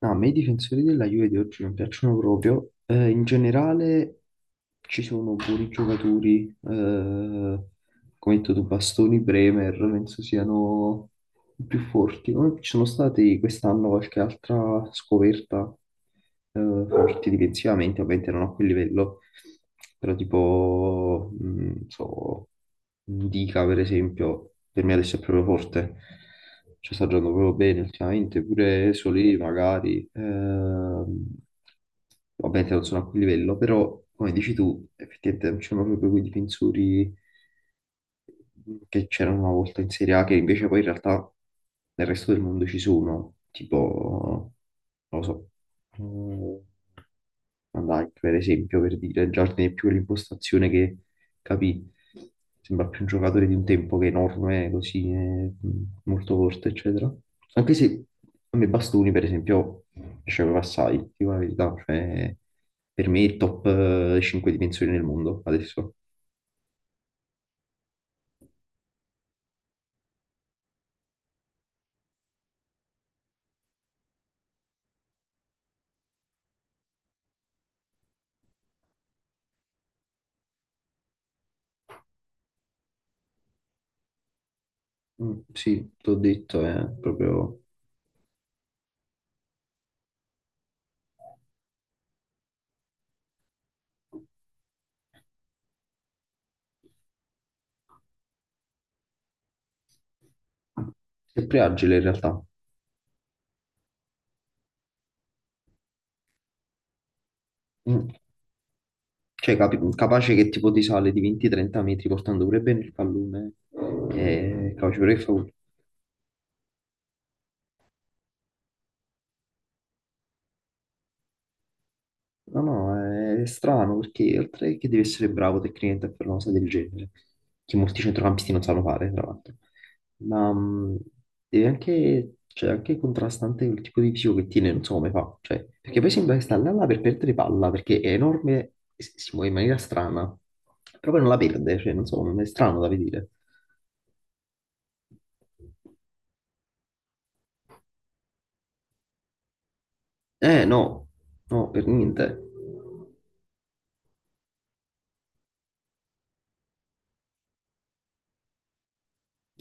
No, a me i difensori della Juve di oggi non piacciono proprio. In generale ci sono buoni giocatori, eh, come hai detto tu, Bastoni, Bremer, penso siano più forti. Poi ci sono state quest'anno qualche altra scoperta forti difensivamente, ovviamente non a quel livello, però tipo, non so, Dica per esempio, per me adesso è proprio forte, ci sta giocando proprio bene ultimamente, pure Solé magari. Ovviamente non sono a quel livello, però come dici tu, effettivamente non c'erano proprio quei difensori che c'erano una volta in Serie A, che invece poi in realtà nel resto del mondo ci sono, tipo, non lo so, mm, Van Dijk, per esempio, per dire, già tiene più l'impostazione che capì, sembra più un giocatore di un tempo che è enorme, così, molto forte, eccetera. Anche se a me Bastoni, per esempio, piaceva assai, ti dico la verità, cioè, per me è il top 5 dimensioni nel mondo adesso. Mm, sì, t'ho detto, è proprio Sempre agile in realtà. Mm. Cioè, capace che tipo ti sale di 20-30 metri portando pure bene il pallone. È capace pure che fa gol. No, no, è strano perché oltre che deve essere bravo tecnicamente per una cosa del genere, che molti centrocampisti non sanno fare, tra l'altro, ma deve anche, cioè, anche contrastante il tipo di fisico che tiene, non so come fa. Cioè, perché poi sembra che sta là là per perdere palla, perché è enorme e si muove in maniera strana, però poi non la perde, cioè, non so, è strano da vedere. Eh no, no, per niente.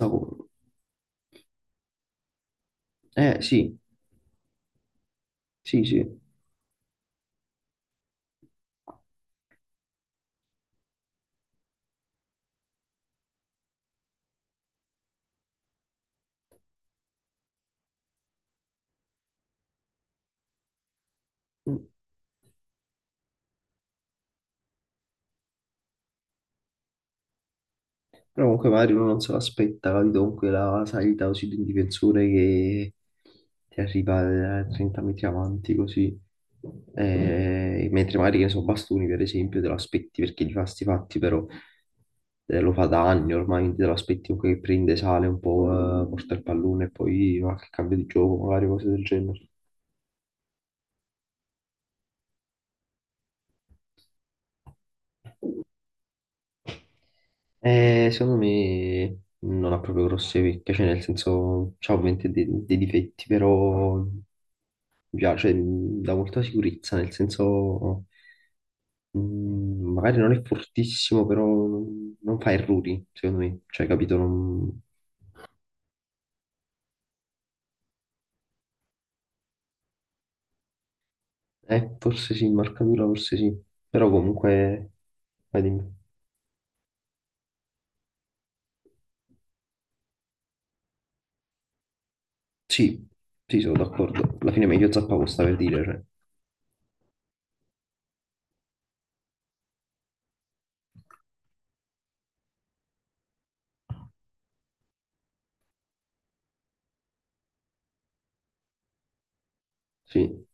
No, eh sì, sì, sì. Mm. Però comunque magari uno non se l'aspetta, capito? Comunque la salita così di un difensore che ti arriva a 30 metri avanti così. Mentre magari che ne so, Bastoni per esempio te lo aspetti perché gli fa sti fatti, però lo fa da anni ormai, quindi te lo aspetti comunque che prende, sale un po', porta il pallone e poi va che cambio di gioco, magari cose del genere. Secondo me non ha proprio grosse pecche, cioè nel senso, c'ha ovviamente dei difetti, però già, cioè, dà molta sicurezza, nel senso, mh, magari non è fortissimo, però non, non fa errori, secondo me, cioè, capito? Non- forse sì, in marcatura, forse sì, però comunque, vai dimmi. Sì, sì, sono d'accordo, alla fine è meglio Zappacosta per dire, cioè, sì.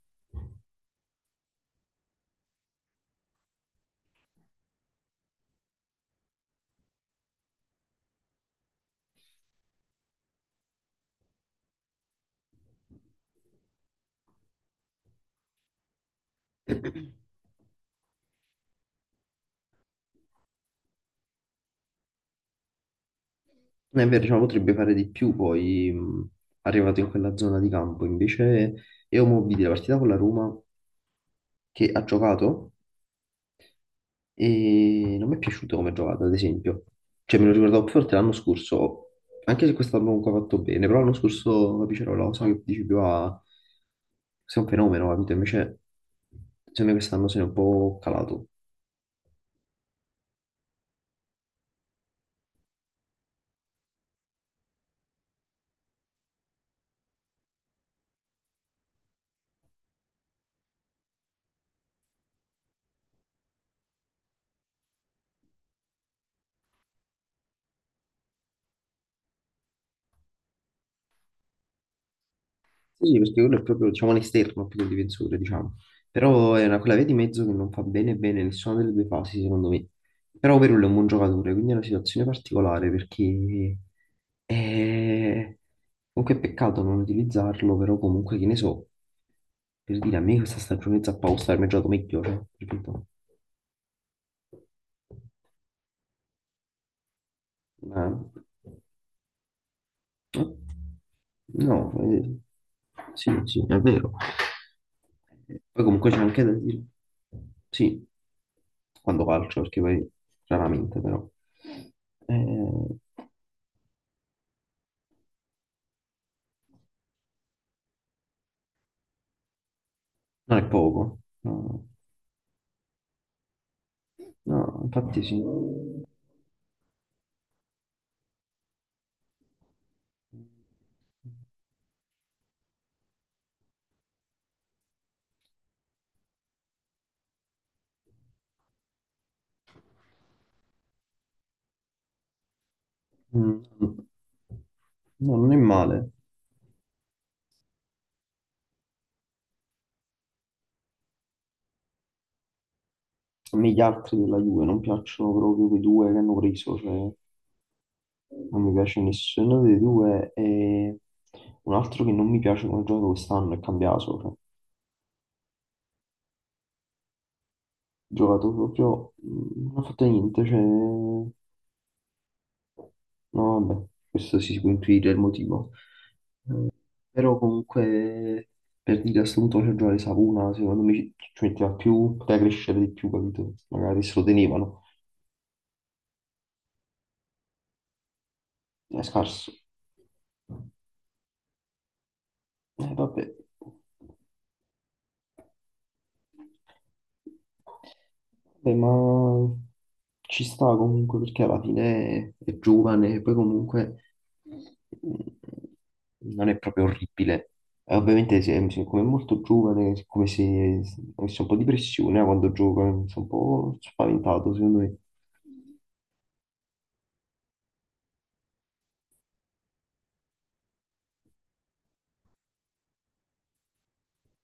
È vero, diciamo, potrebbe fare di più poi arrivato in quella zona di campo. Invece io mo vidi la partita con la Roma che ha giocato e non mi è piaciuto come ha giocato, ad esempio. Cioè me lo ricordavo più forte l'anno scorso, anche se quest'anno comunque ha fatto bene, però l'anno scorso Piccolo, lo so che dici più a... sei un fenomeno, capito? Invece secondo me quest'anno se ne è un po' calato. Sì, perché quello è proprio, diciamo, l'esterno più che il difensore, diciamo. Però è una, quella via di mezzo che non fa bene bene nessuna delle due fasi, secondo me. Però Perullo è un buon giocatore, quindi è una situazione particolare perché è... comunque è peccato non utilizzarlo, però comunque che ne so, per dire a me questa stagione Zappaosta mi ha giocato meglio, cioè, capito? Ma... No, sì, sì, è vero. Poi comunque c'è anche da dire, sì, quando calcio, perché poi raramente però, Eh, non è poco, no, no, infatti sì, Mm, no, non è male. A me gli altri della Juve non piacciono proprio quei due che hanno preso, cioè non mi piace nessuno dei due e un altro che non mi piace come gioco quest'anno è Cambiaso, cioè, giocato proprio, non ha fatto niente, cioè, no vabbè, questo si può intuire il motivo. Però comunque per dire a questo punto faccio giocare Savona, secondo me ci metteva più, poteva crescere di più, capito? Magari se lo tenevano, è scarso. Vabbè. Beh, ma ci sta comunque perché alla fine è giovane e poi comunque mm, non è proprio orribile. Ovviamente siccome è molto giovane, è come se avesse un po' di pressione quando gioca, sono un po' spaventato secondo me.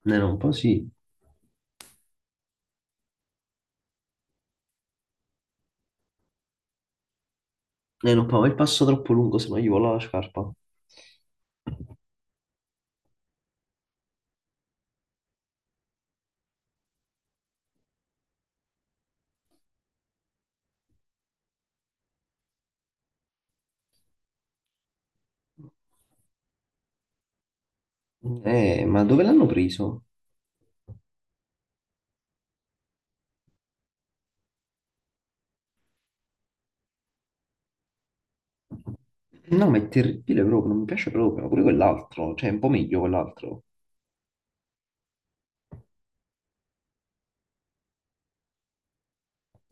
No, un po' sì. Non fa mai il passo troppo lungo, se no gli vola la scarpa. Ma dove l'hanno preso? No, ma è terribile proprio, non mi piace proprio. Pure quell'altro, cioè è un po' meglio quell'altro.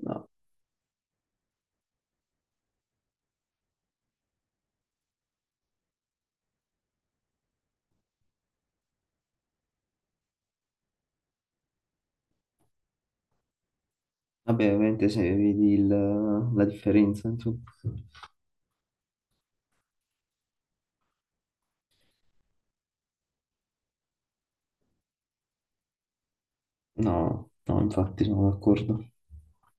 No, vabbè, ovviamente se vedi la differenza, insomma. No, no, infatti sono d'accordo.